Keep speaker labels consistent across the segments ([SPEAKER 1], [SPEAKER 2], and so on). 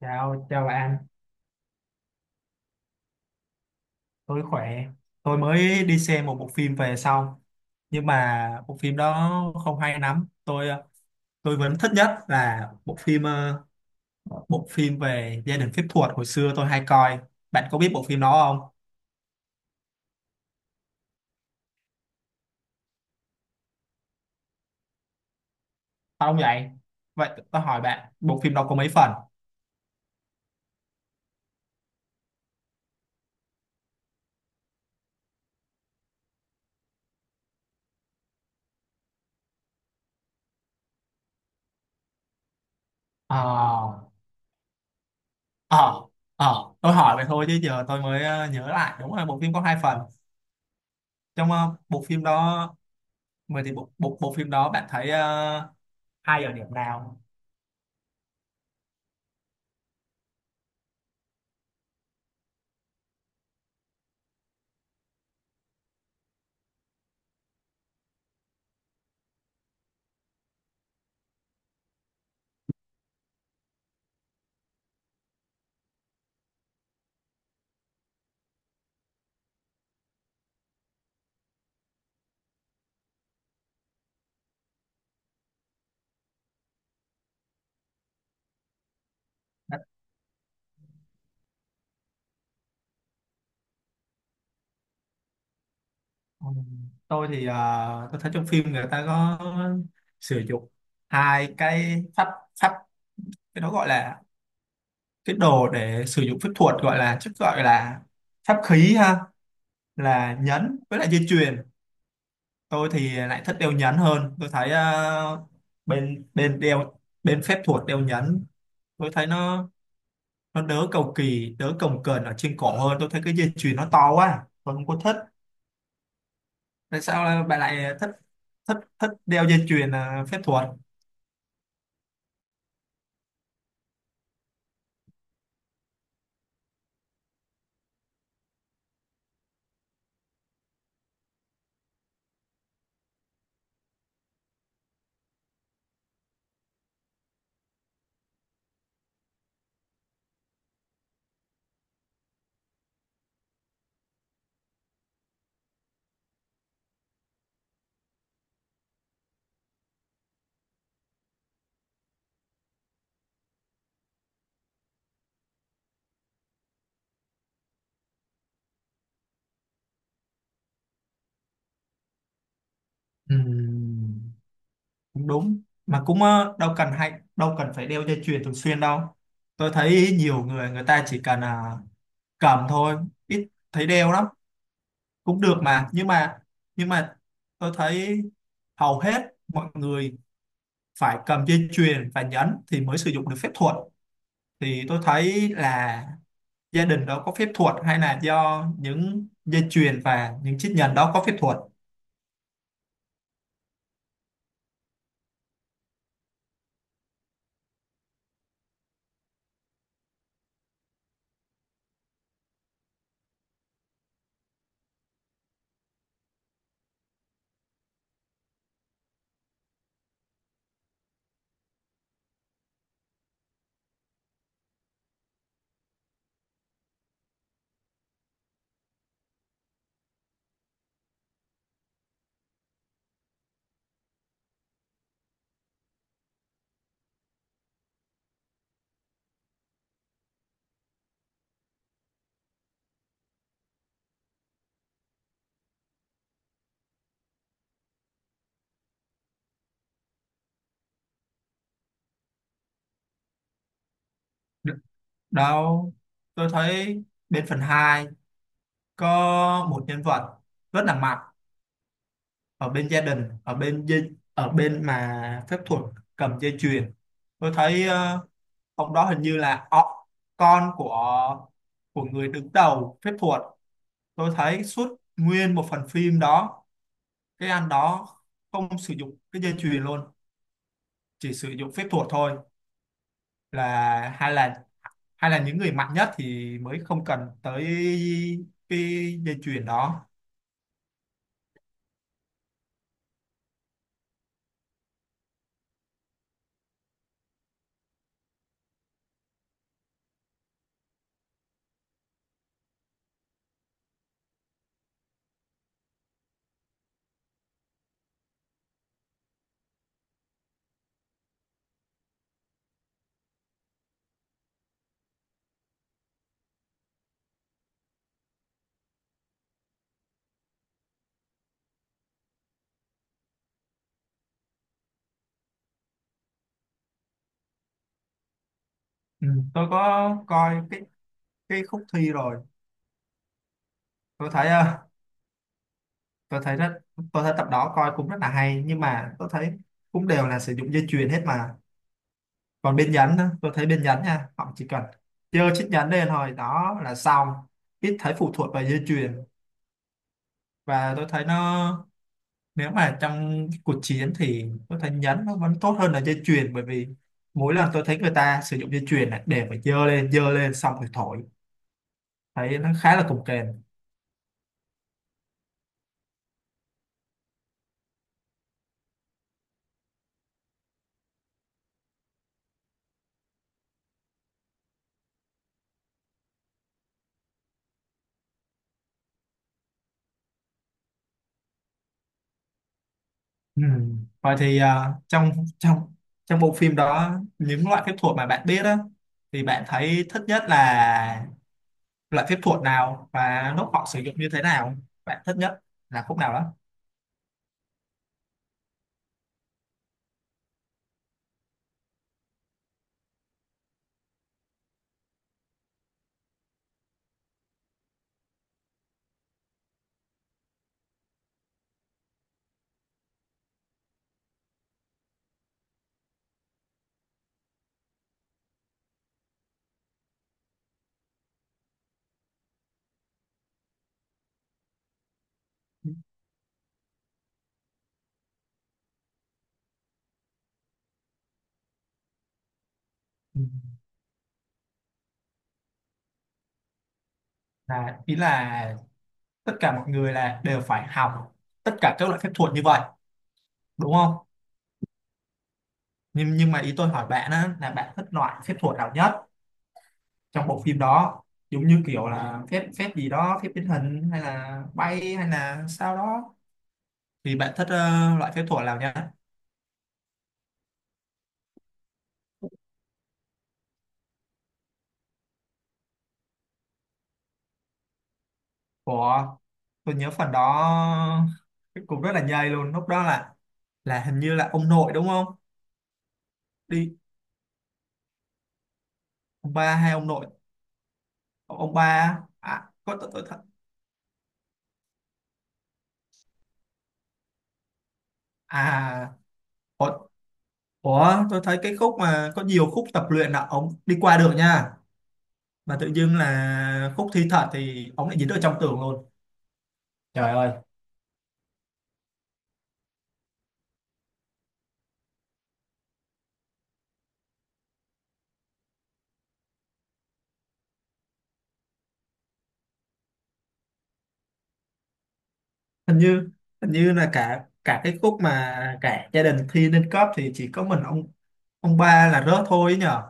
[SPEAKER 1] Chào, chào bạn, tôi khỏe. Tôi mới đi xem một bộ phim về xong, nhưng mà bộ phim đó không hay lắm. Tôi vẫn thích nhất là bộ phim, bộ phim về gia đình phép thuật hồi xưa tôi hay coi. Bạn có biết bộ phim đó không? Không vậy. Vậy tôi hỏi bạn, bộ phim đó có mấy phần? Ờ, ờ, tôi hỏi vậy thôi chứ giờ tôi mới nhớ lại. Đúng là bộ phim có hai phần. Trong bộ phim đó, vậy thì bộ, bộ bộ phim đó bạn thấy hay ở điểm nào? Ừ. Tôi tôi thấy trong phim người ta có sử dụng hai cái pháp pháp cái đó gọi là cái đồ để sử dụng phép thuật gọi là chắc gọi là pháp khí ha, là nhẫn với lại dây chuyền. Tôi thì lại thích đeo nhẫn hơn. Tôi thấy bên bên đeo, bên phép thuật đeo nhẫn, tôi thấy nó đỡ cầu kỳ, đỡ cồng kềnh ở trên cổ hơn. Tôi thấy cái dây chuyền nó to quá, tôi không có thích. Tại sao bạn lại thích thích thích đeo dây chuyền, phép thuật? Ừ, cũng đúng mà cũng, đâu cần hay đâu cần phải đeo dây chuyền thường xuyên đâu. Tôi thấy nhiều người, người ta chỉ cần cầm thôi, ít thấy đeo lắm, cũng được mà. Nhưng mà tôi thấy hầu hết mọi người phải cầm dây chuyền và nhẫn thì mới sử dụng được phép thuật. Thì tôi thấy là gia đình đó có phép thuật hay là do những dây chuyền và những chiếc nhẫn đó có phép thuật? Đó, tôi thấy bên phần 2 có một nhân vật rất là mạnh ở bên gia đình, ở bên ở bên mà phép thuật cầm dây chuyền. Tôi thấy ông đó hình như là con của người đứng đầu phép thuật. Tôi thấy suốt nguyên một phần phim đó, cái anh đó không sử dụng cái dây chuyền luôn, chỉ sử dụng phép thuật thôi. Là hay là, hay là những người mạnh nhất thì mới không cần tới cái dây chuyền đó. Ừ. Tôi có coi cái khúc thi rồi. Tôi thấy, tôi thấy rất, tôi thấy tập đó coi cũng rất là hay, nhưng mà tôi thấy cũng đều là sử dụng dây chuyền hết mà. Còn bên nhánh á, tôi thấy bên nhánh nha, họ chỉ cần dơ chiếc nhánh lên thôi, đó là xong, ít thấy phụ thuộc vào dây chuyền. Và tôi thấy nó, nếu mà trong cuộc chiến thì tôi thấy nhánh nó vẫn tốt hơn là dây chuyền, bởi vì mỗi lần tôi thấy người ta sử dụng dây chuyền này để mà dơ lên, dơ lên xong rồi thổi, thấy nó khá là cồng kềnh. Ừ. Vậy thì, trong trong trong bộ phim đó, những loại phép thuật mà bạn biết á, thì bạn thấy thích nhất là loại phép thuật nào, và lúc họ sử dụng như thế nào bạn thích nhất, là khúc nào đó. Ừ. Là ý là tất cả mọi người là đều phải học tất cả các loại phép thuật như vậy, đúng không? Nhưng nhưng mà ý tôi hỏi bạn á là bạn thích loại phép thuật nào nhất trong bộ phim đó, giống như kiểu là phép, phép gì đó, phép biến hình hay là bay hay là sao đó. Vì bạn thích loại phép thuật nào nhá? Của, tôi nhớ phần đó cũng rất là nhây luôn. Lúc đó là hình như là ông nội đúng không? Đi, ông ba hay ông nội? Ông ba á? À có à, ủa, ủa, tôi thấy cái khúc mà có nhiều khúc tập luyện là ông đi qua được nha. Mà tự dưng là khúc thi thật thì ông lại dính ở trong tường luôn. Trời ơi, hình như hình như là cả cả cái khúc mà cả gia đình thi lên cấp thì chỉ có mình ông ba là rớt thôi ấy nhở.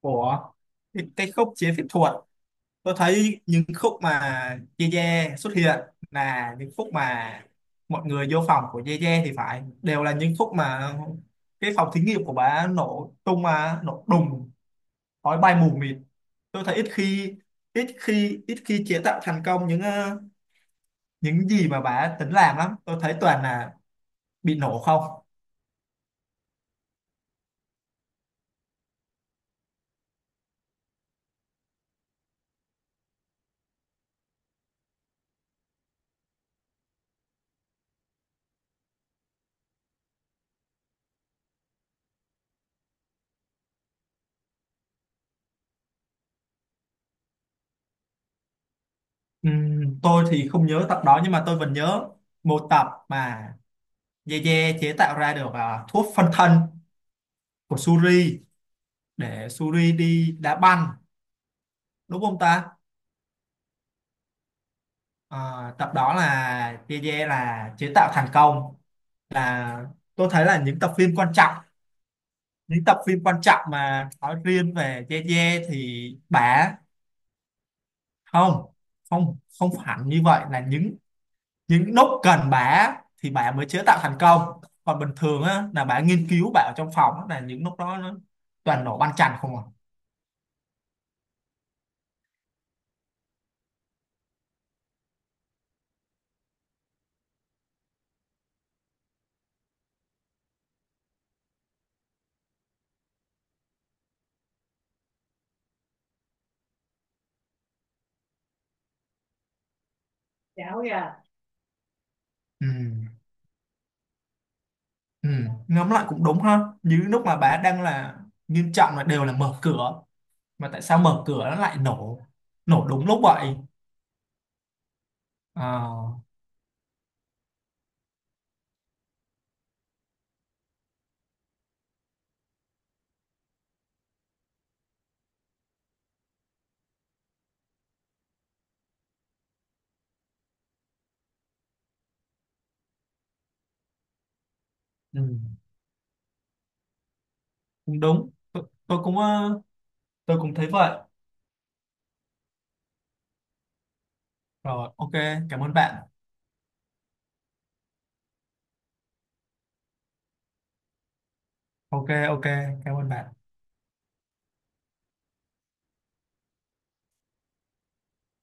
[SPEAKER 1] Ủa, cái khúc chế phép thuật, tôi thấy những khúc mà Ye Ye xuất hiện là những khúc mà mọi người vô phòng của Ye Ye, thì phải đều là những khúc mà cái phòng thí nghiệm của bà nổ tung mà nổ đùng, khói bay mù mịt. Tôi thấy ít khi, ít khi chế tạo thành công những những gì mà bà tính làm lắm. Tôi thấy toàn là bị nổ không. Tôi thì không nhớ tập đó, nhưng mà tôi vẫn nhớ một tập mà Yeye chế tạo ra được thuốc phân thân của Suri để Suri đi đá banh, đúng không ta? À, tập đó là Yeye là chế tạo thành công, là tôi thấy là những tập phim quan trọng, những tập phim quan trọng mà nói riêng về Yeye thì bả không, không không hẳn như vậy. Là những lúc cần bả thì bả mới chế tạo thành công, còn bình thường á, là bả nghiên cứu, bả ở trong phòng á, là những lúc đó nó toàn nổ banh chành không à. Ừ. Ừ, ngẫm lại cũng đúng ha. Như lúc mà bà đang là nghiêm trọng là đều là mở cửa, mà tại sao mở cửa nó lại nổ, nổ đúng lúc vậy? à, ừ, cũng đúng. Tôi cũng, tôi cũng thấy vậy rồi. Ok, cảm ơn bạn. Ok, ok, cảm ơn bạn.